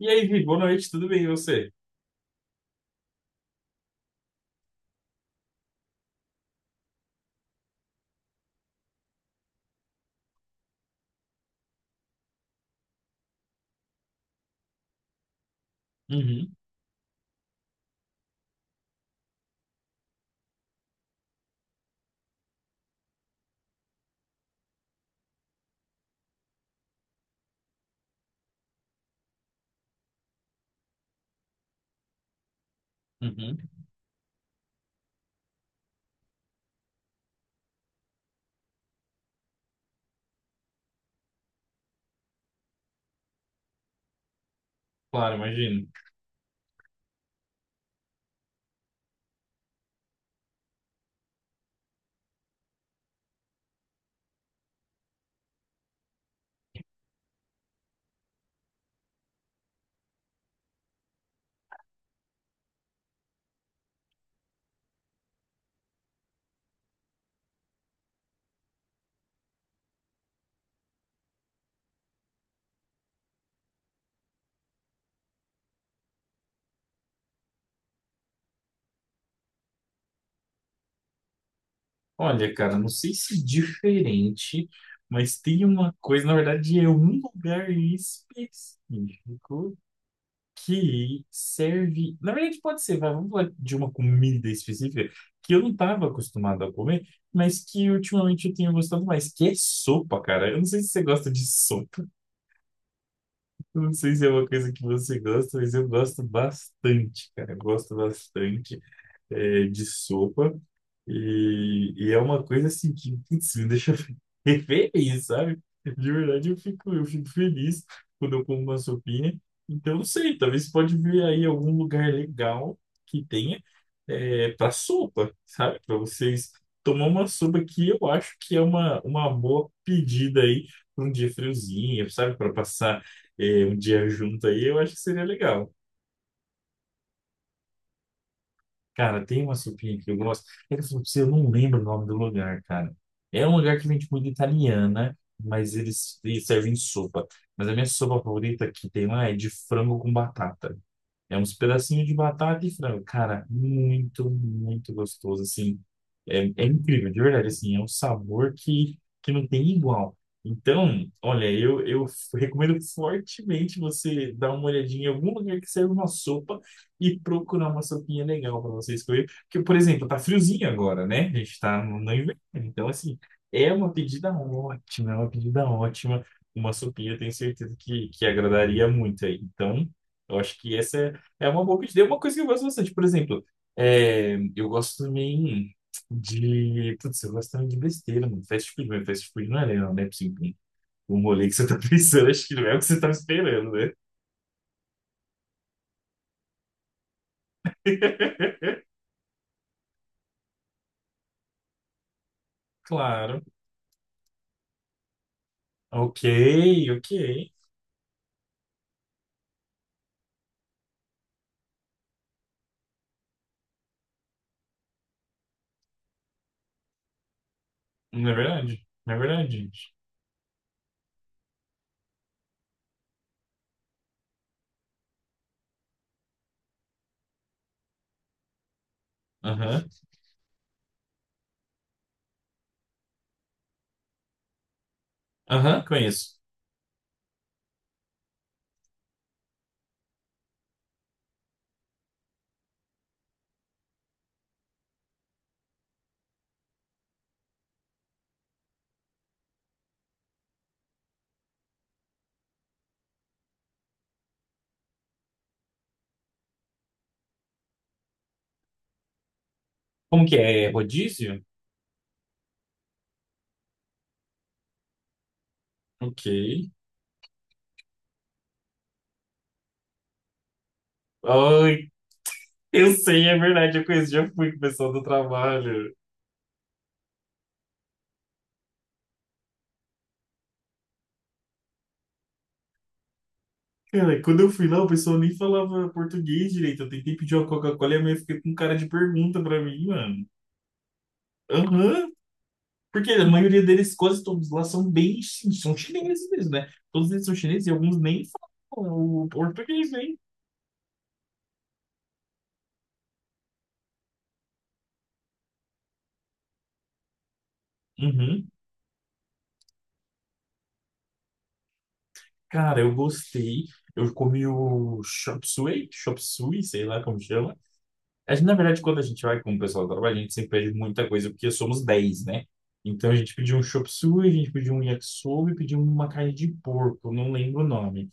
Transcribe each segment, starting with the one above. E aí, Vi, boa noite, tudo bem e você? Uhum, uhum. Claro, imagino. Olha, cara, não sei se diferente, mas tem uma coisa, na verdade, é um lugar específico que serve. Na verdade, pode ser, vai, vamos falar de uma comida específica que eu não estava acostumado a comer, mas que ultimamente eu tenho gostado mais, que é sopa, cara. Eu não sei se você gosta de sopa, eu não sei se é uma coisa que você gosta, mas eu gosto bastante, cara, eu gosto bastante. De sopa. E é uma coisa assim que, putz, me deixa feliz, sabe? De verdade, eu fico feliz quando eu como uma sopinha. Então, não sei, talvez pode vir aí algum lugar legal que tenha para sopa, sabe? Para vocês tomar uma sopa que eu acho que é uma boa pedida aí para um dia friozinho, sabe? Para passar um dia junto aí, eu acho que seria legal. Cara, tem uma sopinha que eu gosto. É que eu falo pra você, eu não lembro o nome do lugar, cara. É um lugar que vende comida italiana, mas eles servem sopa. Mas a minha sopa favorita que tem lá é de frango com batata. É uns pedacinhos de batata e frango. Cara, muito, muito gostoso, assim. É, é incrível, de verdade, assim. É um sabor que não tem igual. Então, olha, eu recomendo fortemente você dar uma olhadinha em algum lugar que serve uma sopa e procurar uma sopinha legal para você escolher. Porque, por exemplo, tá friozinho agora, né? A gente tá no inverno. Então, assim, é uma pedida ótima, é uma pedida ótima. Uma sopinha, eu tenho certeza que agradaria muito aí. Então, eu acho que essa é, é uma boa pedida. É uma coisa que eu gosto bastante. Por exemplo, eu gosto também de. Putz, eu gosto também de besteira, mano. Fast food, mas fast food não é legal, né? Tipo assim, um rolê que você tá pensando, acho que não é o que você tava esperando, né? Claro. Ok, ok. Não é verdade? Não é verdade, gente. Aham. Aham, conheço. Como que é? É rodízio? Ok. Ai, eu sei, é verdade, eu conheço, já fui com o pessoal do trabalho. Cara, quando eu fui lá, o pessoal nem falava português direito. Eu tentei pedir uma Coca-Cola e a mãe fica com cara de pergunta pra mim, mano. Aham. Porque a maioria deles, quase todos lá, são bem... São chineses mesmo, né? Todos eles são chineses e alguns nem falam o português, hein? Uhum. Cara, eu gostei. Eu comi o chop suey, sei lá como chama. A gente, na verdade, quando a gente vai com o pessoal do trabalho, a gente sempre pede muita coisa, porque somos dez, né? Então a gente pediu um chop suey, a gente pediu um yakisoba e pediu uma carne de porco, não lembro o nome.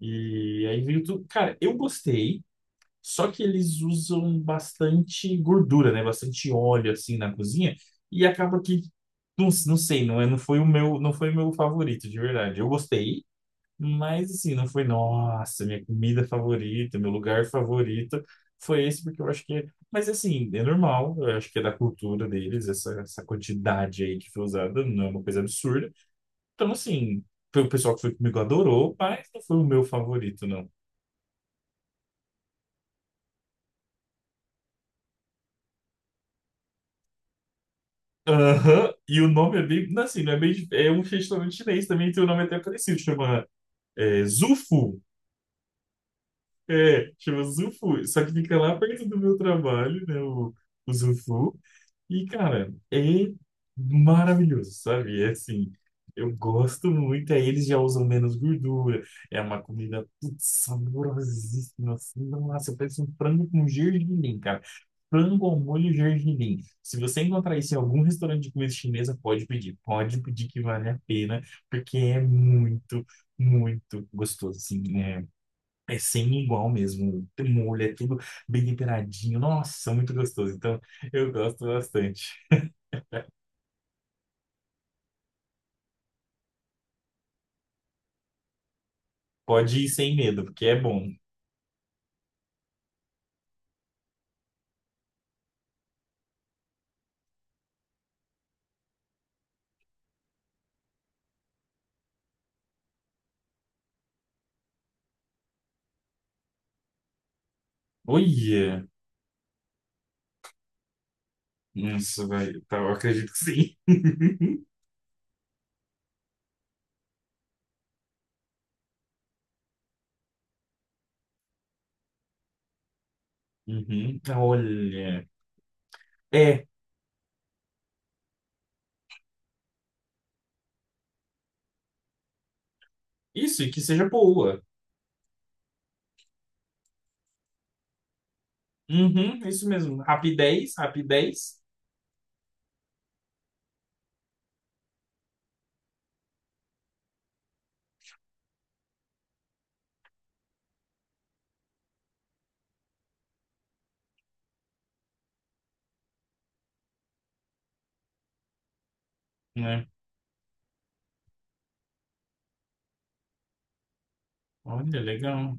E aí veio tudo. Cara, eu gostei, só que eles usam bastante gordura, né? Bastante óleo, assim, na cozinha. E acaba que, não, não sei, não, não foi o meu, não foi o meu favorito, de verdade. Eu gostei, mas assim, não foi, nossa, minha comida favorita, meu lugar favorito foi esse, porque eu acho que é. Mas assim, é normal, eu acho que é da cultura deles, essa quantidade aí que foi usada, não é uma coisa absurda. Então, assim, o pessoal que foi comigo adorou, mas não foi o meu favorito, não. Aham, e o nome é bem, não assim, não é bem, é um restaurante chinês também, tem um nome até parecido, chama Zufu. É, chama Zufu, só que fica lá perto do meu trabalho, né, o Zufu. E, cara, é maravilhoso, sabe? É assim, eu gosto muito. Aí eles já usam menos gordura. É uma comida, putz, saborosíssima. Assim, nossa, parece um frango com gergelim, cara. Frango ao molho gergelim. Se você encontrar isso em algum restaurante de comida chinesa, pode pedir. Pode pedir que vale a pena, porque é muito, muito gostoso, assim, é. É sem igual mesmo. Tem molho, é tudo bem temperadinho. Nossa, muito gostoso. Então, eu gosto bastante. Pode ir sem medo, porque é bom. Olha! Nossa, velho. Tá, eu acredito que sim. Uhum. Olha. É, isso, e que seja boa. Uhum, isso mesmo. Rapidez, rapidez, né? Olha, legal.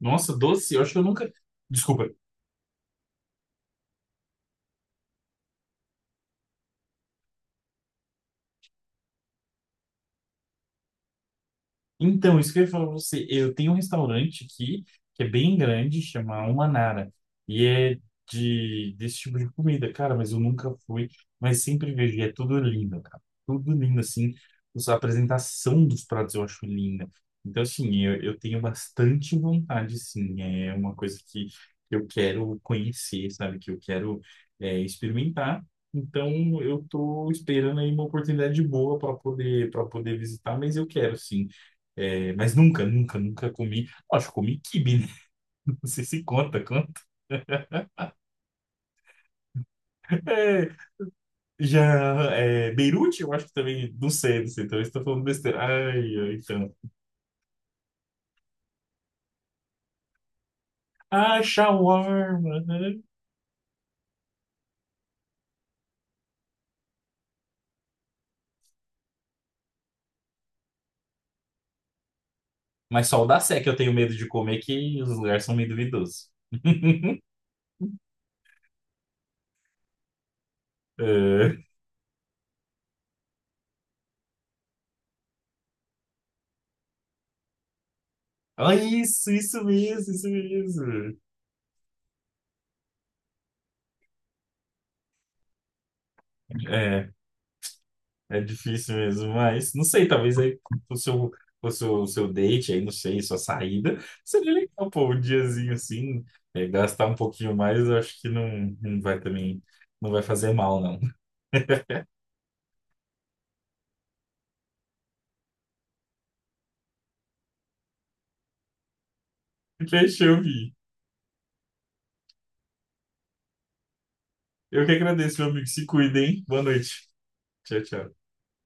Nossa, doce, eu acho que eu nunca. Desculpa, então, isso que eu ia falar pra você, eu tenho um restaurante aqui, que é bem grande, chama Umanara, e é desse tipo de comida, cara, mas eu nunca fui, mas sempre vejo, e é tudo lindo, cara, tudo lindo, assim, os- a apresentação dos pratos eu acho linda, então, assim, eu tenho bastante vontade, sim, é uma coisa que eu quero conhecer, sabe, que eu quero experimentar, então eu tô esperando aí uma oportunidade boa para poder visitar, mas eu quero, sim. É, mas nunca, nunca, nunca comi. Acho que comi quibe, né? Não sei se conta, conta. É, já é, Beirute, eu acho que também. Não sei, não sei. Talvez estou falando besteira. Ai, ai, então. Ah, shawarma. Né? Mas só o da Sé que eu tenho medo de comer, que os lugares são meio duvidosos. É. Ah, isso mesmo, isso mesmo. É, é difícil mesmo, mas não sei, talvez aí o seu, o seu date aí, não sei, sua saída, seria legal, pô, um diazinho assim, gastar um pouquinho mais, eu acho que não, não vai também, não vai fazer mal, não. Fechou, Vi. Eu que agradeço, meu amigo, se cuida, hein? Boa noite. Tchau, tchau.